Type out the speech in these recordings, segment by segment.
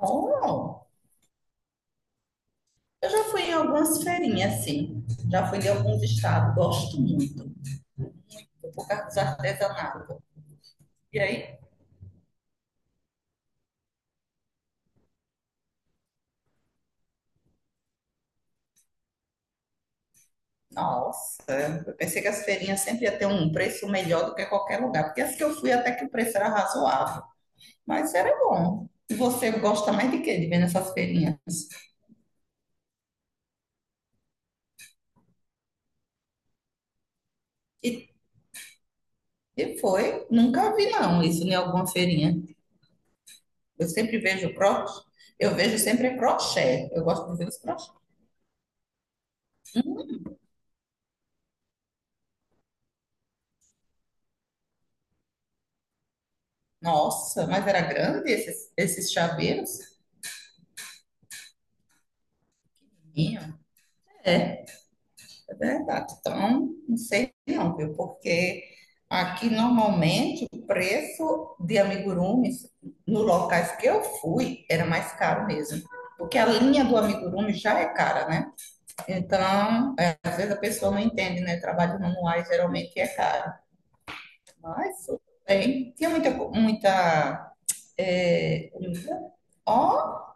Oh, eu já fui em algumas feirinhas, sim. Já fui em alguns estados, gosto muito. Vou por causa dos artesanatos. E aí, nossa, eu pensei que as feirinhas sempre ia ter um preço melhor do que qualquer lugar, porque as que eu fui até que o preço era razoável, mas era bom. E você gosta mais de quê de ver nessas feirinhas? E, e foi, nunca vi não isso em alguma feirinha. Eu sempre vejo crochê, eu vejo sempre crochê, eu gosto de ver os crochê. Nossa, mas era grande esses, esses chaveiros? Tinha. É, é verdade. Então, não sei não, viu? Porque aqui normalmente o preço de amigurumis nos locais que eu fui era mais caro mesmo. Porque a linha do amigurumi já é cara, né? Então, é, às vezes a pessoa não entende, né? Trabalho manuais geralmente é caro. Mas tudo bem. Tinha muita, muita é, comida. Ó,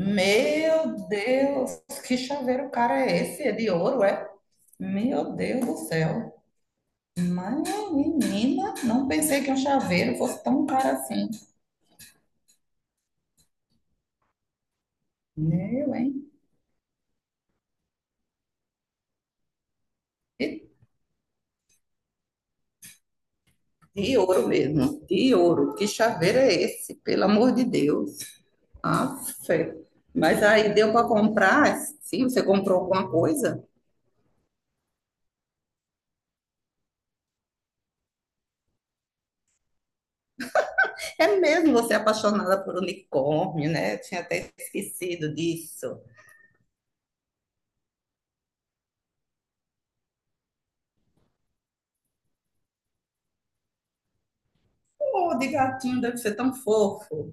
meu Deus, que chaveiro cara é esse? É de ouro, é? Meu Deus do céu. Mas, menina, não pensei que um chaveiro fosse tão caro assim. Meu, hein? E de ouro mesmo, de ouro. Que chaveiro é esse? Pelo amor de Deus. Ah, fé. Mas aí deu para comprar? Sim, você comprou alguma coisa? É mesmo você é apaixonada por unicórnio, né? Tinha até esquecido disso. Oh, de gatinho deve ser tão fofo.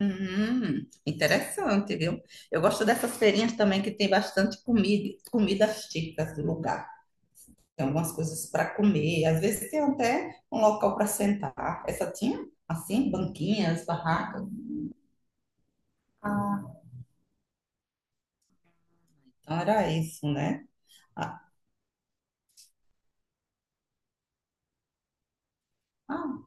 Interessante, viu? Eu gosto dessas feirinhas também que tem bastante comida, comidas típicas do lugar. Tem algumas coisas para comer, às vezes tem até um local para sentar. Essa tinha, assim, banquinhas, barracas. Então era isso, né? Ah, ah,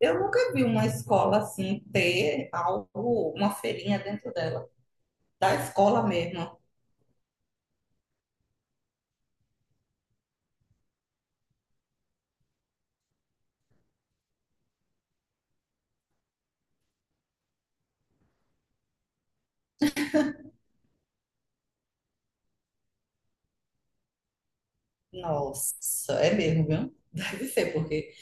eu nunca vi uma escola assim ter algo, uma feirinha dentro dela, da escola mesmo. Nossa, é mesmo, viu? Deve ser, porque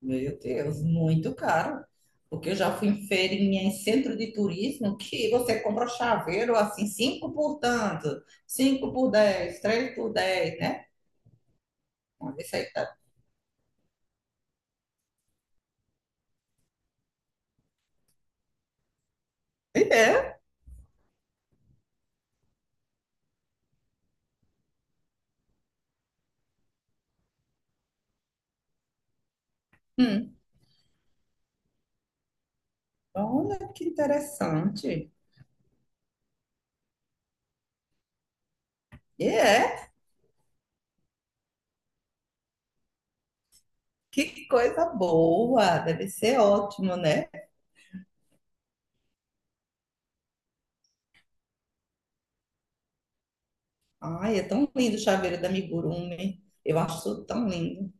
meu Deus, muito caro. Porque eu já fui em feirinha em centro de turismo que você compra chaveiro assim, cinco por tanto, cinco por dez, três por dez, né? Olha isso aí, tá? E é. Hum. Olha que interessante. E é. Que coisa boa. Deve ser ótimo, né? Ai, é tão lindo o chaveiro da Amigurumi. Eu acho isso tão lindo.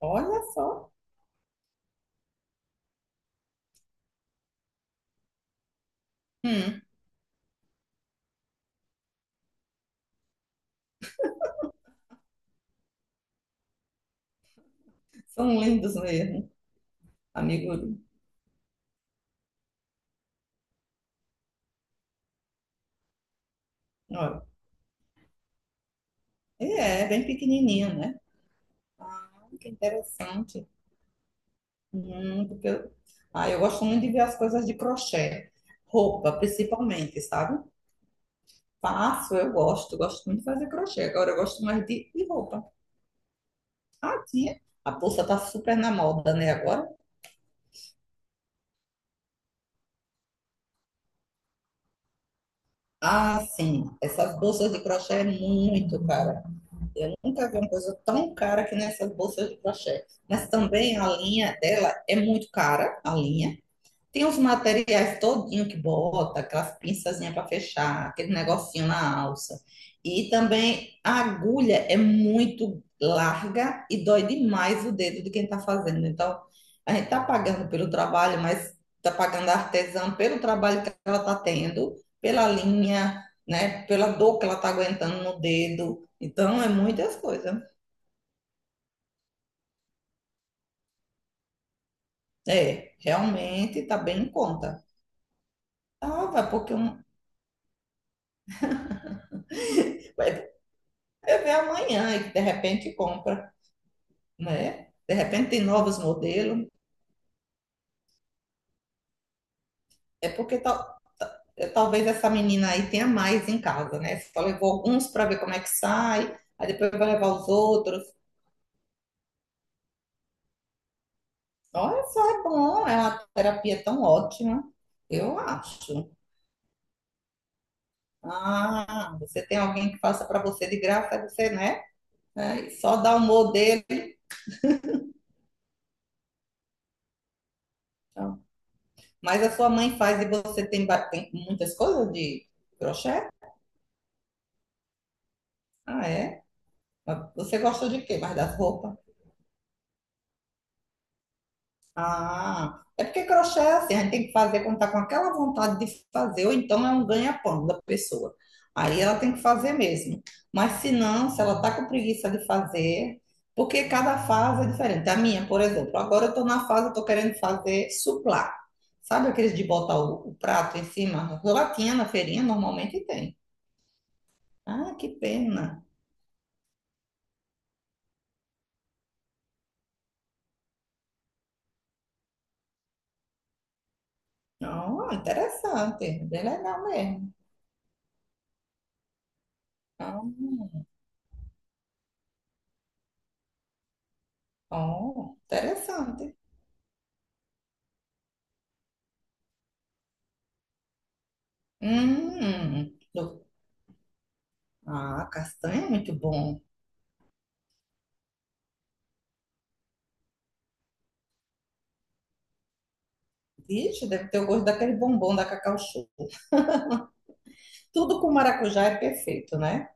Olha só. Hum. São lindos mesmo, Amigurumi. Olha. E é, bem pequenininho, né? Ah, que interessante. Porque eu, ah, eu gosto muito de ver as coisas de crochê. Roupa, principalmente, sabe? Faço, eu gosto. Gosto muito de fazer crochê. Agora eu gosto mais de roupa. Ah, tia. A bolsa tá super na moda, né, agora? Ah, sim. Essas bolsas de crochê é muito cara. Eu nunca vi uma coisa tão cara que nessas bolsas de crochê. Mas também a linha dela é muito cara, a linha. Tem os materiais todinho que bota, aquelas pinçazinhas para fechar, aquele negocinho na alça. E também a agulha é muito larga e dói demais o dedo de quem está fazendo. Então, a gente está pagando pelo trabalho, mas está pagando a artesã pelo trabalho que ela está tendo, pela linha, né? Pela dor que ela está aguentando no dedo. Então, é muitas coisas. É, realmente está bem em conta. Ah, vai porque um... Você vê amanhã e de repente compra, né? De repente tem novos modelos. É porque é, talvez essa menina aí tenha mais em casa, né? Só levou alguns para ver como é que sai, aí depois vai levar os outros. Olha só, é bom, é uma terapia tão ótima, eu acho. Ah, você tem alguém que faça para você de graça, você, né? É, e só dá o modelo. Então. Mas a sua mãe faz e você tem, tem muitas coisas de crochê? Ah, é? Você gosta de quê? Mais das roupas? Ah, é porque crochê é assim, a gente tem que fazer quando tá com aquela vontade de fazer, ou então é um ganha-pão da pessoa. Aí ela tem que fazer mesmo. Mas se não, se ela tá com preguiça de fazer, porque cada fase é diferente. A minha, por exemplo, agora eu tô na fase, eu tô querendo fazer suplá. Sabe aqueles de botar o prato em cima? Latinha na feirinha normalmente tem. Ah, que pena. Não, interessante, bem legal mesmo. Ah. Oh, interessante. Hum, do- ah, castanha é muito bom. Vixe, deve ter o gosto daquele bombom da Cacau Show. Tudo com maracujá é perfeito, né?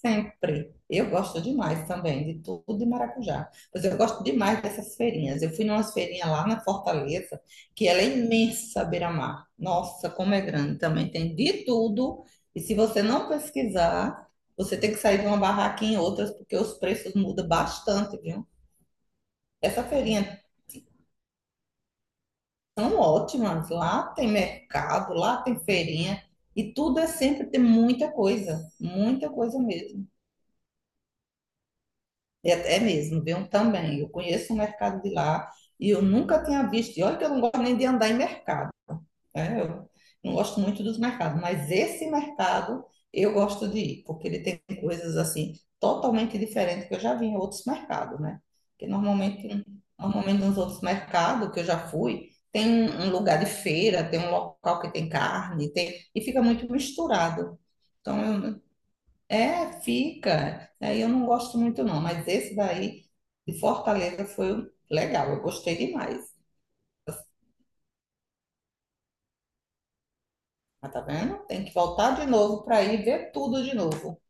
Sempre. Eu gosto demais também de tudo de maracujá. Pois eu gosto demais dessas feirinhas. Eu fui numa feirinha lá na Fortaleza, que ela é imensa, à beira-mar. Nossa, como é grande. Também tem de tudo. E se você não pesquisar, você tem que sair de uma barraquinha em outras, porque os preços mudam bastante, viu? Essa feirinha é tão ótima. Lá tem mercado, lá tem feirinha. E tudo é sempre, tem muita coisa mesmo. E até é mesmo, viu? Também. Eu conheço o mercado de lá e eu nunca tinha visto. E olha que eu não gosto nem de andar em mercado. É, eu não gosto muito dos mercados, mas esse mercado eu gosto de ir, porque ele tem coisas assim totalmente diferentes que eu já vi em outros mercados, né? Porque normalmente, normalmente nos outros mercados que eu já fui, tem um lugar de feira, tem um local que tem carne, tem, e fica muito misturado. Então, eu- é, fica. Aí eu não gosto muito não, mas esse daí de Fortaleza foi legal, eu gostei demais. Mas tá vendo? Tem que voltar de novo para ir ver tudo de novo.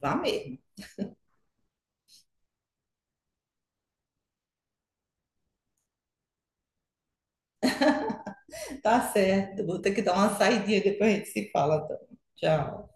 Vá mesmo. Tá certo. Vou ter que dar uma saidinha, depois a gente se fala, então. Tchau.